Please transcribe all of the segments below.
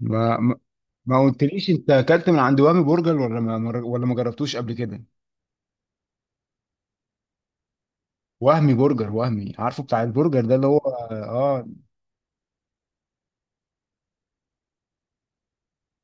ما ما ما قلتليش انت اكلت من عند وهمي برجر ولا ما جربتوش قبل كده. وهمي برجر، وهمي، عارفه بتاع البرجر ده اللي هو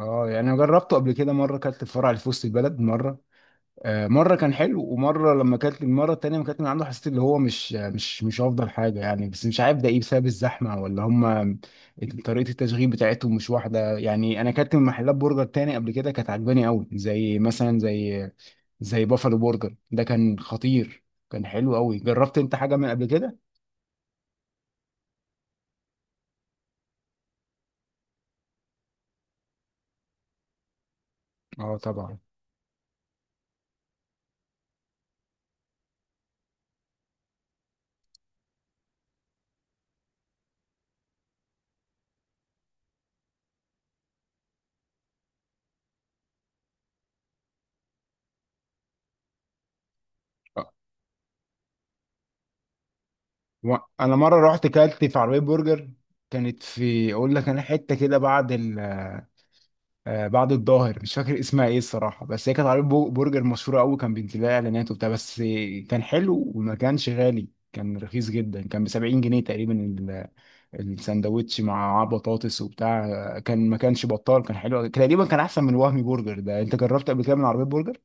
اه يعني انا جربته قبل كده مره، اكلت في فرع اللي في وسط البلد مره. مره كان حلو، ومره لما كانت المره التانيه ما كانت من عنده حسيت اللي هو مش افضل حاجه يعني، بس مش عارف ده ايه، بسبب الزحمه ولا هم طريقه التشغيل بتاعتهم مش واحده. يعني انا كانت من محلات برجر تاني قبل كده كانت عجباني قوي، زي مثلا زي بافالو برجر ده، كان خطير، كان حلو قوي. جربت انت حاجه من قبل كده؟ اه طبعا. آه. انا مره رحت كلت في عربيه برجر، كانت في، اقول لك انا، حته كده بعد بعد الظاهر، مش فاكر اسمها ايه الصراحه، بس هي كانت عربيه برجر مشهوره قوي، كان بينزل لها اعلانات وبتاع. بس كان حلو وما كانش غالي، كان رخيص جدا، كان ب 70 جنيه تقريبا الساندوتش مع بطاطس وبتاع. كان ما كانش بطال، كان حلو أوي. تقريبا كان احسن من وهمي برجر ده. انت جربت قبل كده من عربيه برجر؟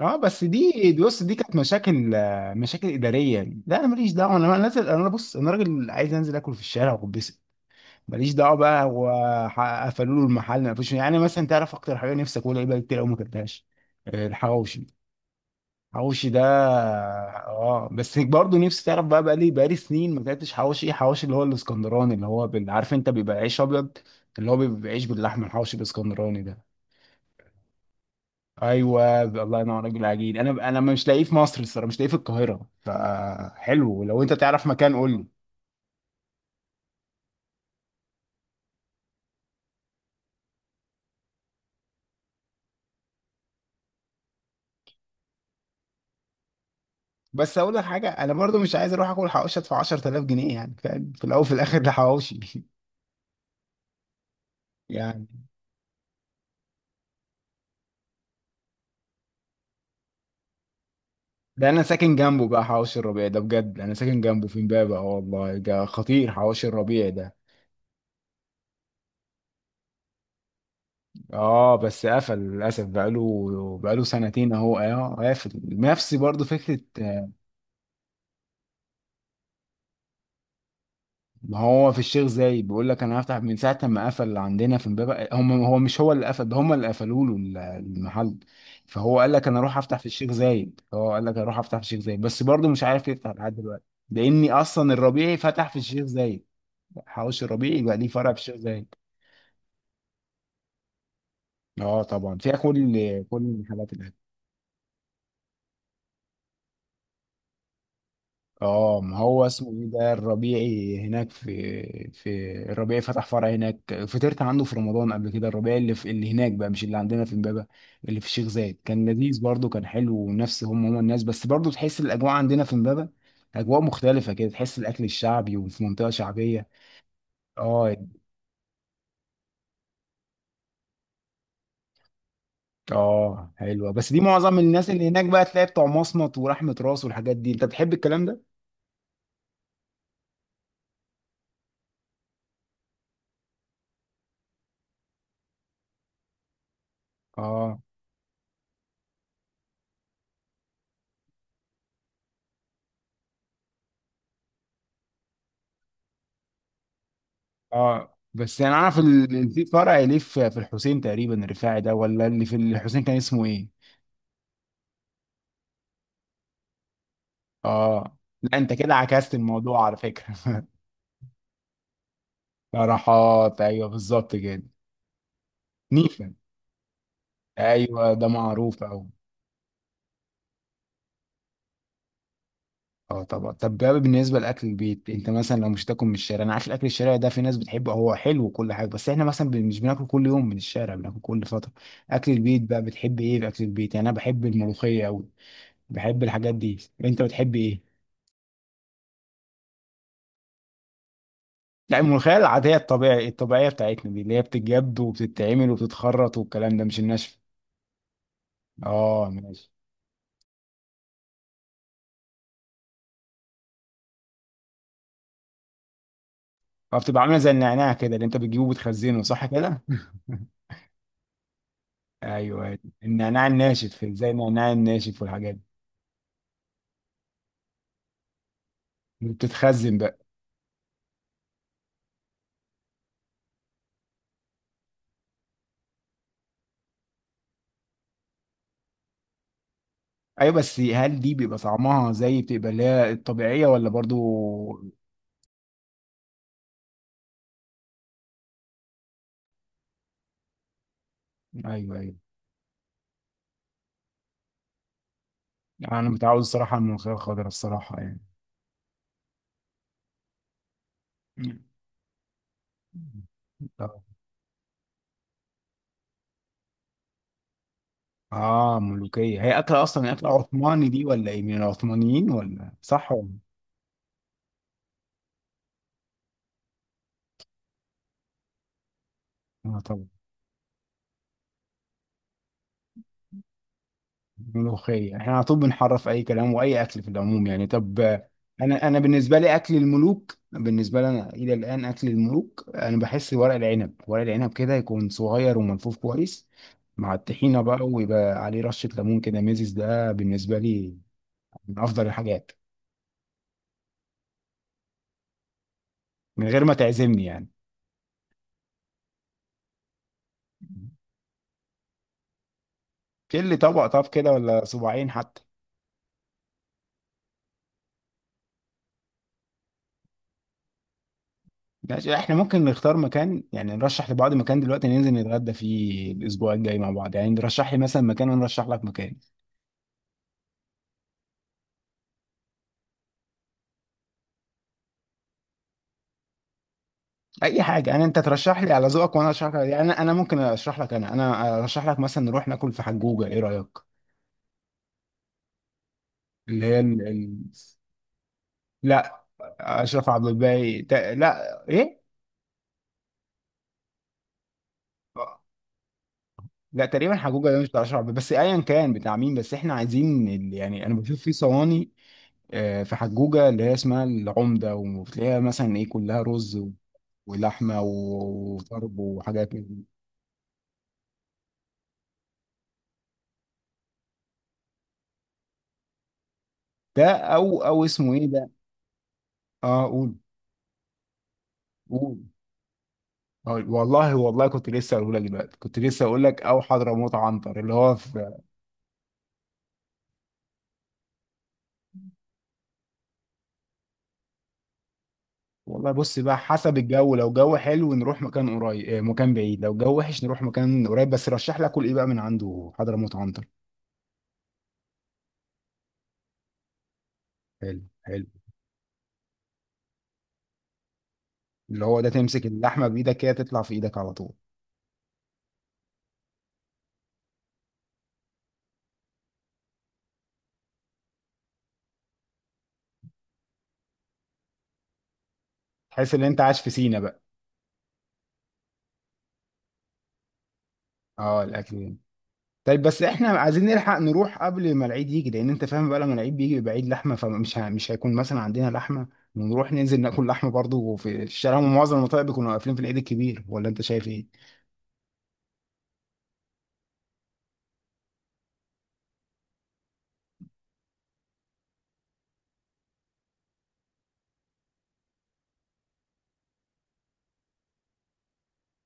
اه، بس دي بص، دي كانت مشاكل، مشاكل اداريه، لا انا ماليش دعوه، انا نازل، انا بص انا راجل عايز انزل اكل في الشارع وبس. ماليش دعوه بقى هو قفلوا له المحل. ما فيش يعني مثلا، تعرف اكتر حاجه نفسك، اقول ايه بقى، كتير قوي ما اكلتهاش، الحواوشي، الحواوشي ده. اه بس برضه نفسي، تعرف بقى، بقى لي سنين ما اكلتش حواوشي. حواوشي اللي هو الاسكندراني، اللي هو عارف انت بيبقى عيش ابيض، اللي هو بيبقى عيش باللحمه، الحواوشي الاسكندراني ده. ايوه، الله ينور، راجل عجين. انا مش لاقيه في مصر الصراحه، مش لاقيه في القاهره، فحلو لو انت تعرف مكان قول لي. بس اقول لك حاجه، انا برضو مش عايز اروح اكل حواوشي ادفع 10,000 جنيه يعني، فاهم؟ في الاول وفي الاخر ده حواوشي يعني. ده انا ساكن جنبه بقى، حواوشي الربيع ده بجد، انا ساكن جنبه في امبابه. اه والله ده خطير حواوشي الربيع ده. اه بس قفل للاسف، بقاله سنتين اهو، اه قافل. نفس برضو فكره. ما هو في الشيخ زايد، بيقول لك انا هفتح من ساعه ما قفل اللي عندنا في امبابه. هو مش هو اللي قفل ده، هم اللي قفلوا له المحل. فهو قال لك انا اروح افتح في الشيخ زايد، هو قال لك اروح افتح في الشيخ زايد، بس برضه مش عارف يفتح لحد دلوقتي. لاني اصلا الربيعي فتح في الشيخ زايد. حوش الربيعي بقى ليه فرع في الشيخ زايد. اه طبعا فيها كل، كل المحلات. اه ما هو اسمه ايه ده الربيعي هناك، في الربيعي فتح فرع هناك، فطرت عنده في رمضان قبل كده. الربيعي اللي في، اللي هناك بقى، مش اللي عندنا في امبابة، اللي في الشيخ زايد كان لذيذ برضه، كان حلو ونفس هم الناس، بس برضه تحس الاجواء عندنا في امبابة اجواء مختلفة كده، تحس الاكل الشعبي، وفي منطقة شعبية. اه. اه حلوة، بس دي معظم الناس اللي هناك بقى تلاقي بتوع مصمت ورحمة راس والحاجات دي، انت بتحب الكلام ده؟ اه، اه بس يعني انا عارف في فرع ليه في، في الحسين تقريبا الرفاعي ده، ولا اللي في الحسين كان اسمه ايه؟ اه لا انت كده عكست الموضوع على فكرة فرحات، ايوه بالظبط كده. نيفا، ايوه ده معروف قوي. اه طبعا. طب بقى بالنسبه لاكل البيت، انت مثلا لو مش هتاكل من الشارع، انا عارف الاكل الشارع ده في ناس بتحبه، هو حلو وكل حاجه، بس احنا مثلا مش بناكل كل يوم من الشارع، بناكل كل فتره. اكل البيت بقى بتحب ايه في اكل البيت؟ يعني انا بحب الملوخيه قوي، بحب الحاجات دي. انت بتحب ايه؟ لا الملوخية العادية، الطبيعية، الطبيعية بتاعتنا دي اللي هي بتتجد وبتتعمل وبتتخرط والكلام ده، مش الناشفة. اه ماشي. اه بتبقى عاملة زي النعناع كده اللي انت بتجيبه وبتخزنه، صح كده؟ ايوه أيوة. النعناع الناشف، زي النعناع الناشف والحاجات دي، اللي بتتخزن بقى. ايوه بس هل دي بيبقى طعمها زي بتبقى اللي هي الطبيعية، ولا برضو؟ ايوه ايوه. يعني انا متعود الصراحة على الملوخية الخضراء الصراحة يعني. اه ملوكية، هي أكلة، أصلا أكلة عثماني دي ولا إيه؟ من العثمانيين ولا؟ صح ولا؟ آه طبعا. ملوخية، إحنا على طول بنحرف أي كلام وأي أكل في العموم يعني. طب أنا بالنسبة لي أكل الملوك، بالنسبة لي أنا إلى الآن أكل الملوك، أنا بحس ورق العنب، ورق العنب، كده يكون صغير وملفوف كويس، مع الطحينة بقى، ويبقى عليه رشة ليمون كده، ميزز، ده بالنسبة لي من أفضل الحاجات. من غير ما تعزمني يعني، كل طبق، طب كده ولا صباعين حتى. ماشي، احنا ممكن نختار مكان يعني، نرشح لبعض مكان دلوقتي، ننزل نتغدى فيه الاسبوع الجاي مع بعض يعني، ترشح لي مثلا مكان وانا ارشح لك مكان. اي حاجه، انا انت ترشح لي على ذوقك وانا ارشح لك يعني. انا ممكن ارشح لك، انا ارشح لك مثلا نروح ناكل في حجوجه، ايه رايك؟ اللي هي ال... ال... لا اشرف عبد الباقي لا ايه، لا تقريبا حجوجه ده مش بتاع اشرف عبد الباقي، بس ايا كان بتاع مين، بس احنا عايزين يعني انا بشوف في صواني. في حجوجة اللي هي اسمها العمدة، وبتلاقيها مثلا ايه كلها رز ولحمة وطرب وحاجات من دي. ده، او اسمه ايه ده. اه قول، قول. والله، والله كنت لسه اقول لك دلوقتي، كنت لسه اقول لك، او حضرموت عنتر اللي هو في. والله بص بقى، حسب الجو، لو جو حلو نروح مكان قريب، مكان بعيد، لو جو وحش نروح مكان قريب. بس رشح لك كل ايه بقى من عنده حضرموت عنتر؟ حلو حلو. اللي هو ده تمسك اللحمة بايدك كده، تطلع في ايدك على طول. تحس ان انت عايش في سينا بقى. اه الاكل. طيب بس احنا عايزين نلحق نروح قبل ما العيد يجي، لان انت فاهم بقى لما العيد بيجي بيبقى عيد لحمه، فمش مش هيكون مثلا عندنا لحمه، ونروح ننزل ناكل لحمه برضو في الشارع، ومعظم المطاعم بيكونوا قافلين في العيد الكبير، ولا انت شايف ايه؟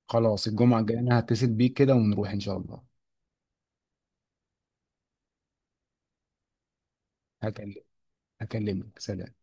خلاص الجمعه الجايه انا هتصل بيك كده، ونروح ان شاء الله. هكلم، هكلمك، سلام.